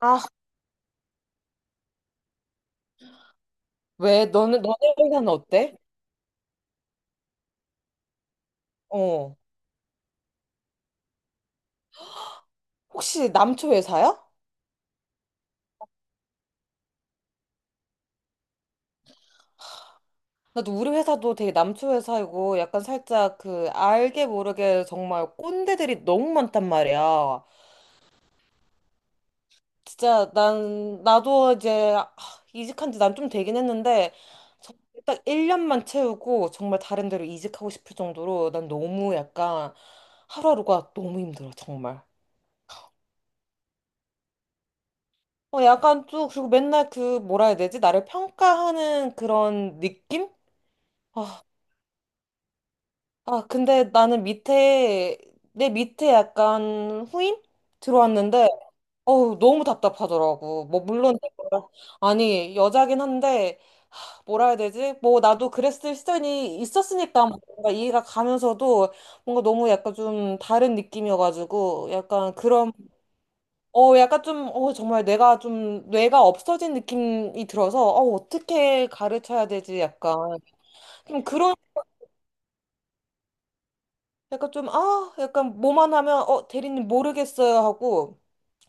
아, 왜? 너는, 너네 회사는 어때? 어. 혹시 남초 회사야? 나도 우리 회사도 되게 남초 회사이고 약간 살짝 그 알게 모르게 정말 꼰대들이 너무 많단 말이야. 진짜 나도 이제 이직한 지 난 좀 되긴 했는데 정말 딱 1년만 채우고 정말 다른 데로 이직하고 싶을 정도로 난 너무 약간 하루하루가 너무 힘들어, 정말. 어, 약간 또, 그리고 맨날 그, 뭐라 해야 되지? 나를 평가하는 그런 느낌? 아, 근데 내 밑에 약간 후임? 들어왔는데, 어우, 너무 답답하더라고. 뭐, 물론, 내가- 아니, 여자긴 한데, 뭐라 해야 되지? 뭐, 나도 그랬을 시절이 있었으니까 뭔가 이해가 가면서도 뭔가 너무 약간 좀 다른 느낌이어가지고, 약간 그런, 어, 약간 좀, 어, 정말 내가 좀, 뇌가 없어진 느낌이 들어서, 어, 어떻게 가르쳐야 되지? 약간. 좀 그런 약간 좀, 아, 약간 뭐만 하면, 어, 대리님 모르겠어요 하고,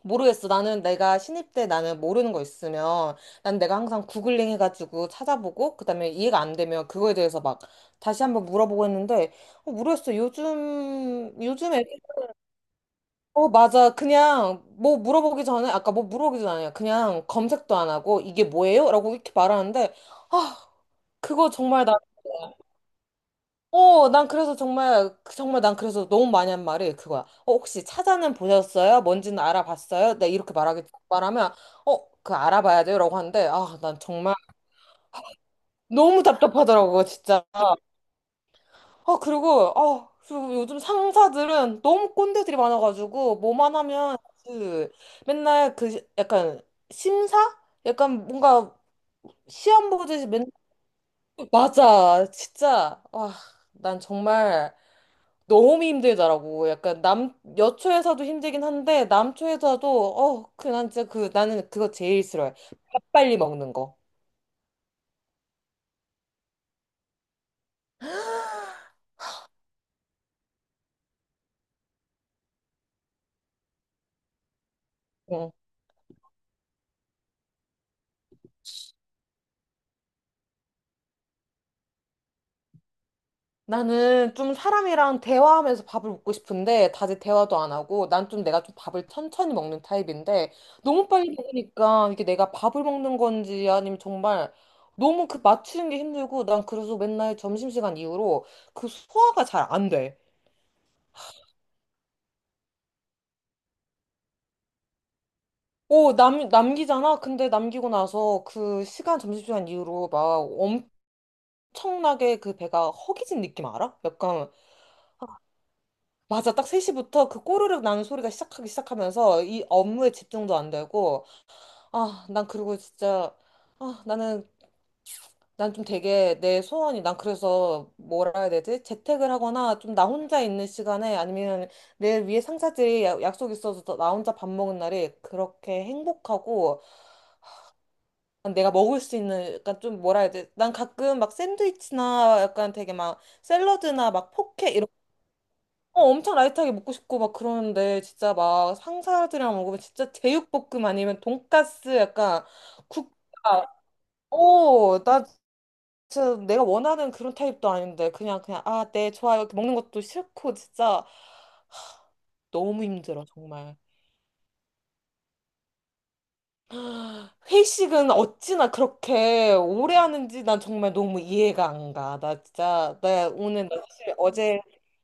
모르겠어. 나는 내가 신입 때 나는 모르는 거 있으면, 난 내가 항상 구글링 해가지고 찾아보고, 그다음에 이해가 안 되면 그거에 대해서 막 다시 한번 물어보고 했는데, 어, 모르겠어. 요즘에, 어, 맞아. 그냥 뭐 물어보기 전에, 아까 뭐 물어보기 전에 그냥 검색도 안 하고, 이게 뭐예요? 라고 이렇게 말하는데, 아, 그거 정말 나, 어, 정말 난 그래서 너무 많이 한 말이 그거야. 어, 혹시 찾아는 보셨어요? 뭔지는 알아봤어요? 나 이렇게 말하기, 말하면, 어, 그 알아봐야 돼요? 라고 하는데, 아, 난 정말 너무 답답하더라고, 진짜. 아, 그리고 요즘 상사들은 너무 꼰대들이 많아가지고, 뭐만 하면, 그, 맨날 그, 시- 약간, 심사? 약간 뭔가, 시험 보듯이 맨날, 맞아, 진짜. 아, 난 정말. 너무 힘들더라고. 약간 남, 여초에서도 힘들긴 한데, 남초에서도, 어, 그, 난 진짜 그, 나는 그거 제일 싫어해. 밥 빨리 먹는 거. 응. 나는 좀 사람이랑 대화하면서 밥을 먹고 싶은데, 다들 대화도 안 하고, 난 좀 내가 좀 밥을 천천히 먹는 타입인데, 너무 빨리 먹으니까, 이게 내가 밥을 먹는 건지, 아니면 정말, 너무 그 맞추는 게 힘들고, 난 그래서 맨날 점심시간 이후로 그 소화가 잘 안 돼. 오, 남기잖아? 근데 남기고 나서 그 시간, 점심시간 이후로 막 엄청나게 그 배가 허기진 느낌 알아? 약간, 맞아. 딱 3시부터 그 꼬르륵 나는 소리가 시작하기 시작하면서 이 업무에 집중도 안 되고, 아, 난 그리고 진짜, 아, 나는, 난 좀 되게 내 소원이, 난 그래서 뭐라 해야 되지? 재택을 하거나 좀 나 혼자 있는 시간에 아니면 내 위에 상사들이 야- 약속 있어서 나 혼자 밥 먹은 날이 그렇게 행복하고, 내가 먹을 수 있는 약간 좀 뭐라 해야 돼? 난 가끔 막 샌드위치나 약간 되게 막 샐러드나 막 포케 이런 어, 엄청 라이트하게 먹고 싶고 막 그러는데 진짜 막 상사들이랑 먹으면 진짜 제육볶음 아니면 돈까스 약간 국밥 어, 나 진짜 내가 원하는 그런 타입도 아닌데 그냥 아, 네, 좋아요. 이렇게 먹는 것도 싫고 진짜 너무 힘들어 정말. 회식은 어찌나 그렇게 오래 하는지 난 정말 너무 이해가 안 가. 나 사실 어제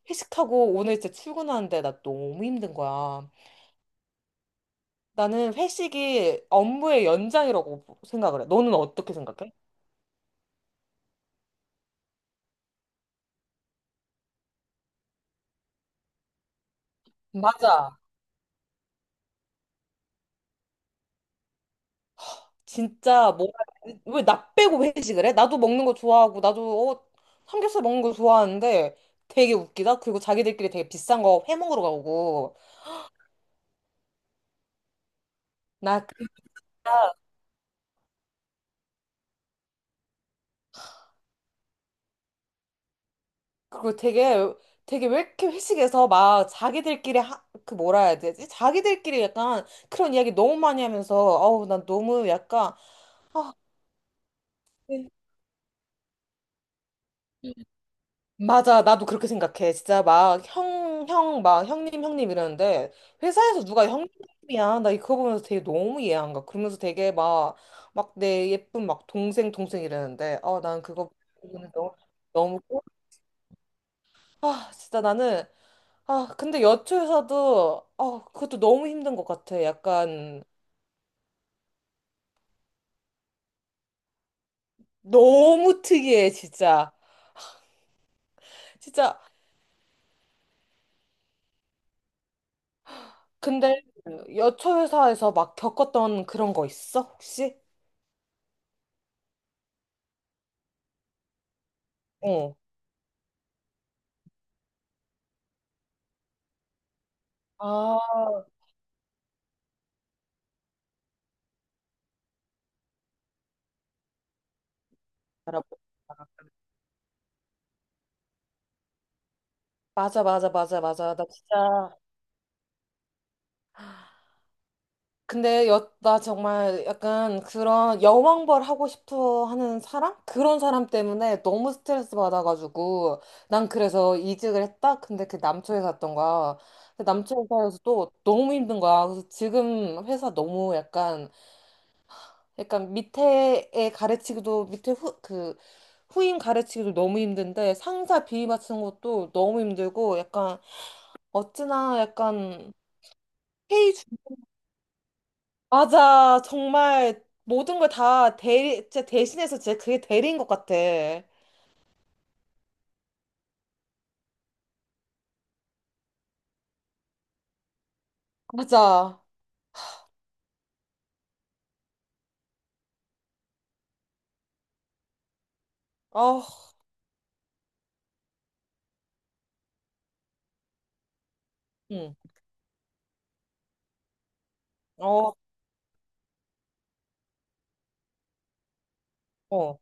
회식하고 오늘 진짜 출근하는데 나 너무 힘든 거야. 나는 회식이 업무의 연장이라고 생각을 해. 너는 어떻게 생각해? 맞아. 진짜, 뭐, 왜 나 빼고 회식을 해? 나도 먹는 거 좋아하고, 나도, 어, 삼겹살 먹는 거 좋아하는데 되게 웃기다. 그리고 자기들끼리 되게 비싼 거 회 먹으러 가고. 나 그리고 되게 왜 이렇게 회식에서 막 자기들끼리 하, 그 뭐라 해야 되지? 자기들끼리 약간 그런 이야기 너무 많이 하면서 어우 난 너무 약간 아 네. 맞아 나도 그렇게 생각해 진짜 막 형 막 형님 이러는데 회사에서 누가 형님이야 나 이거 보면서 되게 너무 이해 안 가. 그러면서 되게 막 막 내 예쁜 막 동생 이러는데 어 난 그거 보고는 너무 너무 꼴- 아 진짜 나는 아, 근데 여초에서도, 아, 그것도 너무 힘든 것 같아. 약간, 너무 특이해, 진짜. 진짜, 근데 여초 회사에서 막 겪었던 그런 거 있어, 혹시? 어. 아, 알아. 맞아, 맞아, 맞아, 맞아. 나 진짜. 근데 여, 나 정말 약간 그런 여왕벌 하고 싶어 하는 사람? 그런 사람 때문에 너무 스트레스 받아가지고 난 그래서 이직을 했다? 근데 그 남초에 갔던 거야. 근데 남초 회사에서 또 너무 힘든 거야. 그래서 지금 회사 너무 약간 약간 밑에에 가르치기도 밑에 후, 그 후임 가르치기도 너무 힘든데 상사 비위 맞추는 것도 너무 힘들고 약간 어찌나 약간 맞아. 정말 모든 걸 다 대리, 진짜 대신해서 진짜 그게 대리인 것 같아. 맞아. 아, 응. 어, 어,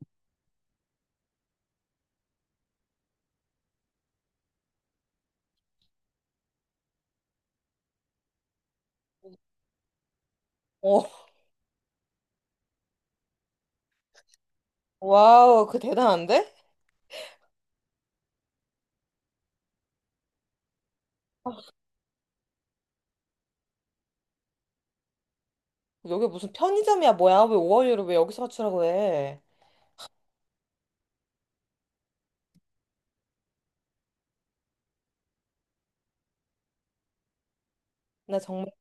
어. 와우, 그 대단한데? 여기 무슨 편의점이야, 뭐야? 왜 5월유를 왜 여기서 맞추라고 해? 나 정말.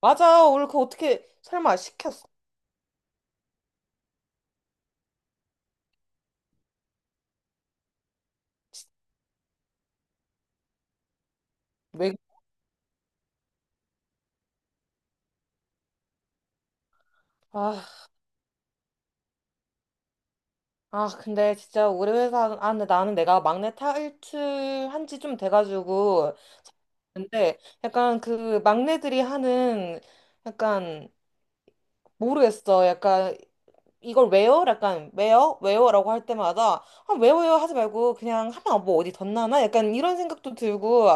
맞아. 오늘 그거 어떻게 설마 시켰어? 왜? 아, 아, 근데 진짜 우리 회사, 아, 근데 나는 내가 막내 탈출한 지 좀 돼가지고. 근데 약간 그 막내들이 하는 약간 모르겠어. 약간 이걸 왜요? 약간 왜요? 왜요?라고 할 때마다 아 왜요? 하지 말고 그냥 하면 뭐 어디 덧나나? 약간 이런 생각도 들고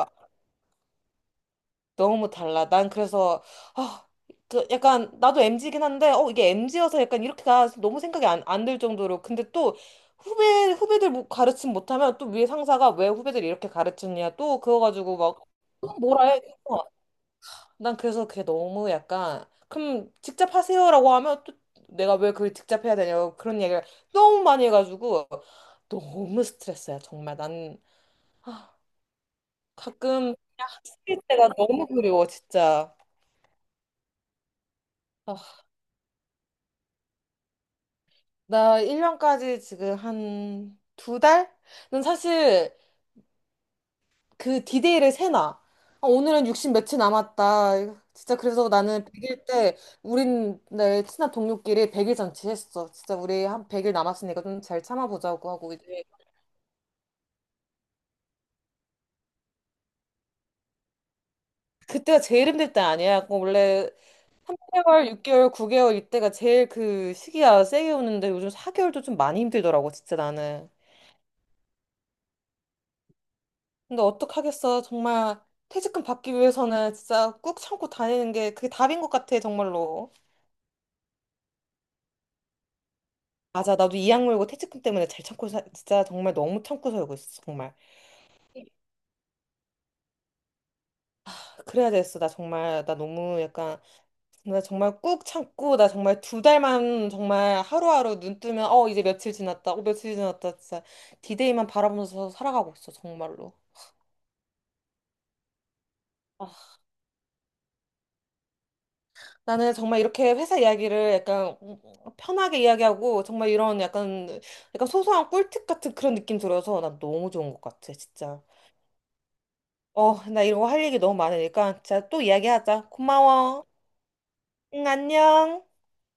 너무 달라. 난 그래서 아, 그 약간 나도 MZ긴 한데 어 이게 MZ여서 약간 이렇게 가 너무 생각이 안 들 정도로 근데 또 후배들 뭐 가르침 못하면 또 위에 상사가 왜 후배들 이렇게 가르치냐 또 그거 가지고 막 또 뭐라 해. 난 그래서 그게 너무 약간 그럼 직접 하세요라고 하면 또 내가 왜 그걸 직접 해야 되냐고 그런 얘기를 너무 많이 해가지고 너무 스트레스야 정말 난 아, 가끔 학생 때가 너무 그리워 진짜 아, 나 1년까지 지금 한 두 달? 난 사실 그 디데이를 세나. 아, 오늘은 60 며칠 남았다. 진짜 그래서 나는 100일 때 우린 내 친한 동료끼리 100일 잔치했어. 진짜 우리 한 100일 남았으니까 좀 잘 참아보자고 하고 이제 그때가 제일 힘들 때 아니야. 그 원래 8개월, 6개월, 9개월 이때가 제일 그 시기야 세게 오는데 요즘 4개월도 좀 많이 힘들더라고 진짜 나는. 근데 어떡하겠어. 정말 퇴직금 받기 위해서는 진짜 꾹 참고 다니는 게 그게 답인 것 같아 정말로. 맞아. 나도 이 악물고 퇴직금 때문에 잘 참고 사, 진짜 정말 너무 참고 살고 있어. 정말. 그래야 됐어. 나 정말 나 너무 약간 나 정말 꾹 참고 나 정말 두 달만 정말 하루하루 눈 뜨면 어 이제 며칠 지났다. 어 며칠 지났다. 진짜 디데이만 바라보면서 살아가고 있어. 정말로. 아, 나는 정말 이렇게 회사 이야기를 약간 편하게 이야기하고 정말 이런 약간 약간 소소한 꿀팁 같은 그런 느낌 들어서 난 너무 좋은 것 같아. 진짜. 어, 나 이런 거 할 얘기 너무 많으니까. 자, 또 이야기하자. 고마워. 응, 안녕.